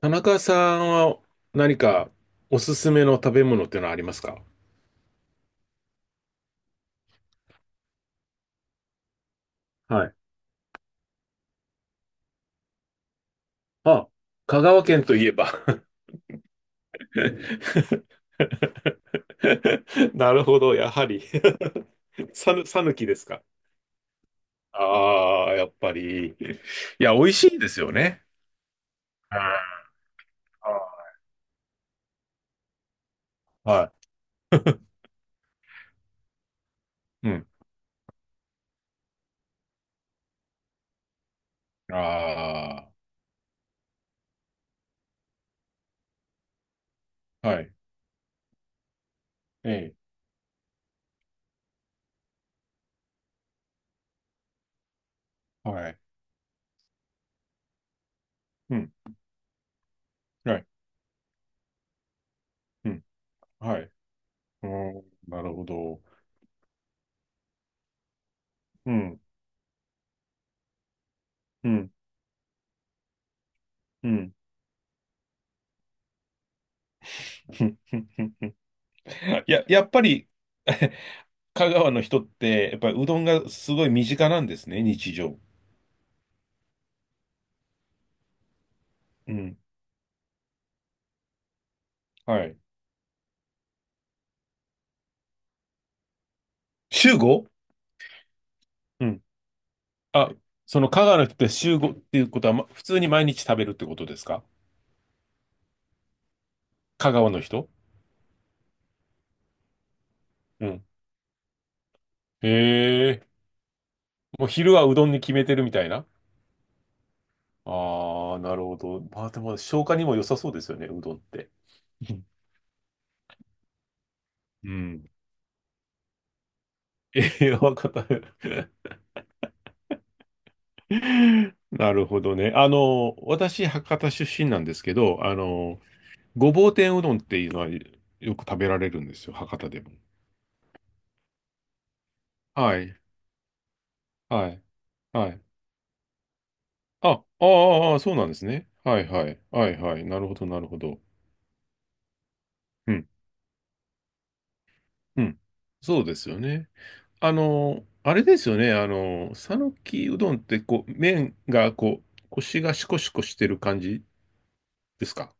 田中さんは何かおすすめの食べ物っていうのはありますか？はい。あ、香川県といえば。 なるほど、やはり さぬきですか？ああ、やっぱり。いや、美味しいですよね。ああ、はい。うん。ああ、はい。ええ、はい。うん、はい。うん、はい。うん、なるほど。うん、うん、うん。やっぱり 香川の人って、やっぱりうどんがすごい身近なんですね、日常。うん。はい。週ご。うん。あ、その香川の人って週ごっていうことは、ま、普通に毎日食べるってことですか？香川の人。うん。へえ。もう昼はうどんに決めてるみたいな。ああ、なるほど。まあでも消化にも良さそうですよね、うどんって。うん。栄養った なるほどね。あの、私、博多出身なんですけど、あの、ごぼう天うどんっていうのはよく食べられるんですよ、博多でも。はい、はい、はい。あ、ああ、ああそうなんですね。はい、はい、はい、はい。なるほど、なるほど。うん、うん。そうですよね。あの、あれですよね。あの、讃岐うどんって、こう、麺が、こう、腰がシコシコしてる感じですか？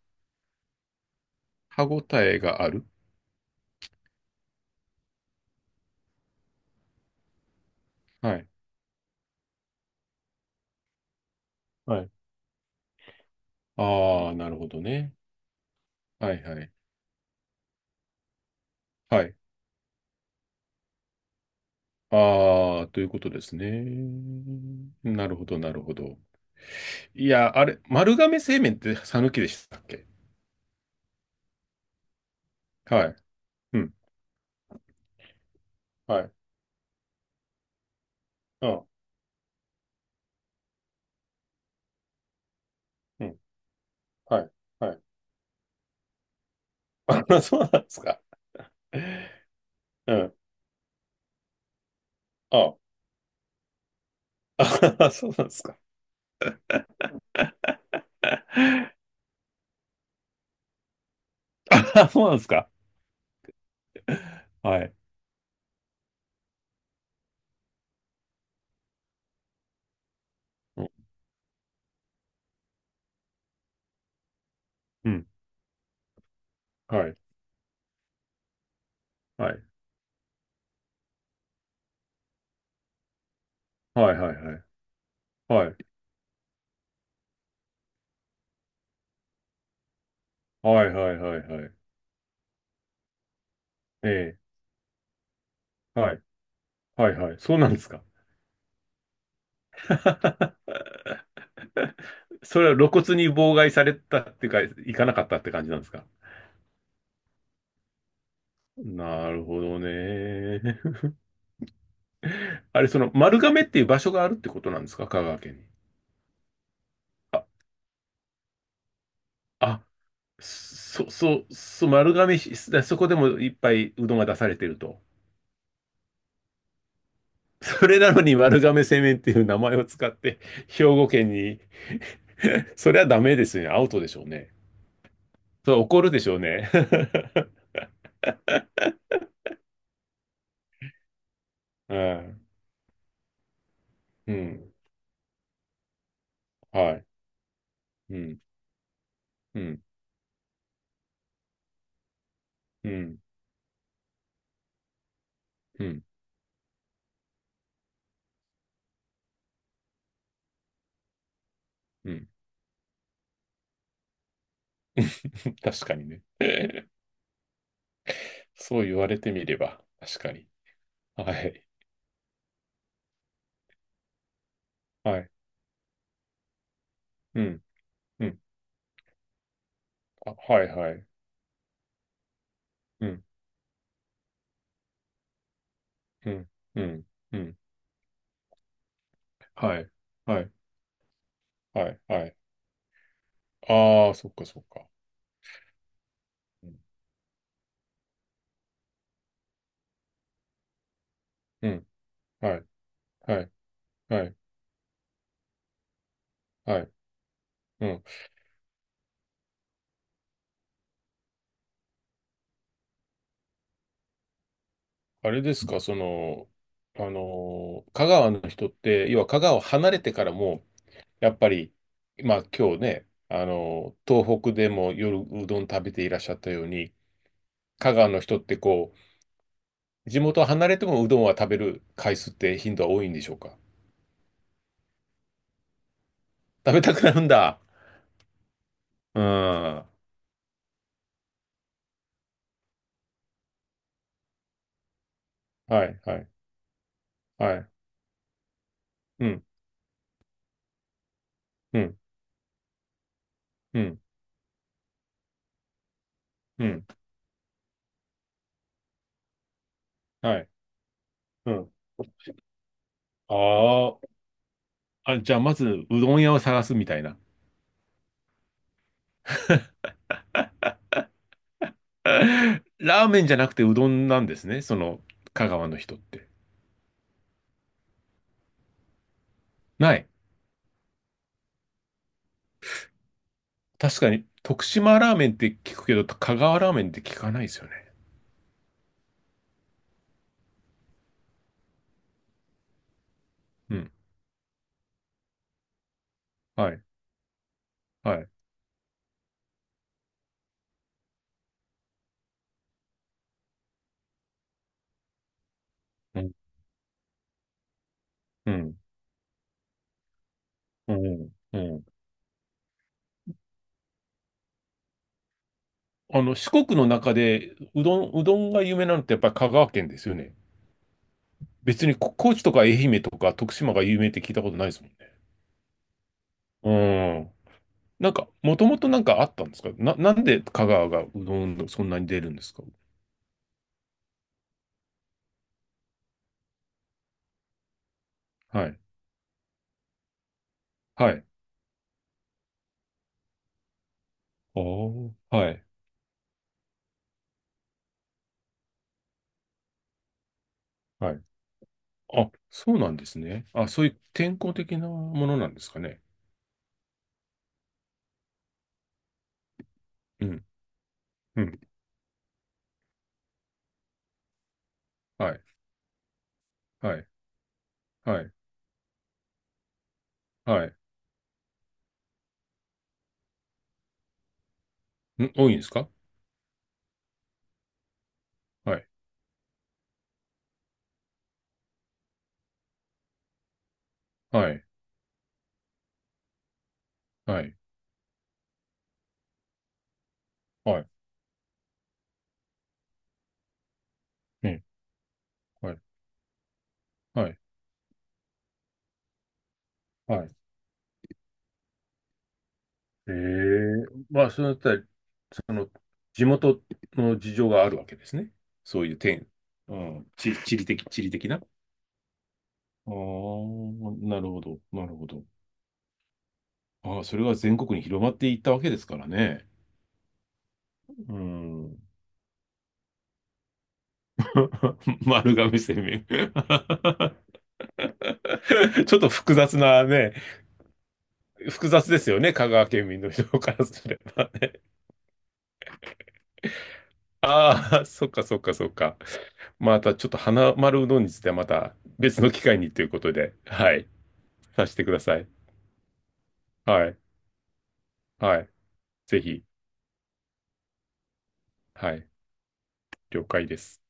歯ごたえがある。はい、はい。ああ、なるほどね。はい、はい、はい。ああ、ということですね。なるほど、なるほど。いや、あれ、丸亀製麺って讃岐でしたっけ？はい。うん。はい。うん。うん。はい。はい。あ、そうなんですか。うん。あ、あ、そうなんですか。あ、そうなんですか。はい。うん。うん。はい。はい。はい。はい。はい。はい。はい。はい。はい。はい。ええ。はい。はい。はい。そうなんですか。それは露骨に妨害されたっていうか、行かなかったって感じなんですか？なるほどね。あれ、その丸亀っていう場所があるってことなんですか、香川県に？あ、あ、そ、そ、そ、丸亀市、だそこでもいっぱいうどんが出されてると。それなのに丸亀製麺っていう名前を使って兵庫県に。 それはダメですよね。アウトでしょうね。それ怒るでしょうね。うん。うん。はい。うん。うん。うん。うん。うん。確かにねそう言われてみれば、確かに。はい。はい。うん。うん。あ、はい、はい。うん。うん、うん、うん。はい、はい、はい、はい。ああ、そっか、そっか。うん、うん。はい、はい、はい、はい。うん。あれですか、その、あのー香川の人って、要は香川を離れてからも、やっぱり、まあ今日ね、あのー東北でも夜うどん食べていらっしゃったように、香川の人ってこう、地元を離れてもうどんは食べる回数って頻度は多いんでしょうか？食べたくなるんだ。うん。はい、はい、はい。うん、うん。うん、うん、はい、うん。ああ、あ、じゃあまずうどん屋を探すみたいな。ラーメンじゃなくてうどんなんですね、その香川の人って。ない。確かに、徳島ラーメンって聞くけど、香川ラーメンって聞かないですよね。うん。はい。はい。うん。うん。うん。うん。あの、四国の中で、うどんが有名なのってやっぱり香川県ですよね。別にこ高知とか愛媛とか徳島が有名って聞いたことないですもんね。うん。なんか、もともとなんかあったんですかな、なんで香川がうどんそんなに出るんですか？はい。はい。ああ、はい。はい。あ、そうなんですね。あ、そういう天候的なものなんですかね。うん。うん。はい。はい。はい。はい。ん、多いんですか？はい。はい。はい。はい。うん。はい。はい。はい。ええ。まあ、そのあたり、その、地元の事情があるわけですね。そういう天、うん、地理的、地理的な。ああ、なるほど、なるほど。ああ、それが全国に広まっていったわけですからね。うん。丸亀製麺 ちょっと複雑なね、複雑ですよね、香川県民の人からすればね。ああ、そっか。またちょっと花丸うどんについてはまた別の機会にということで、はい、させてください。はい、はい、ぜひ、はい、了解です。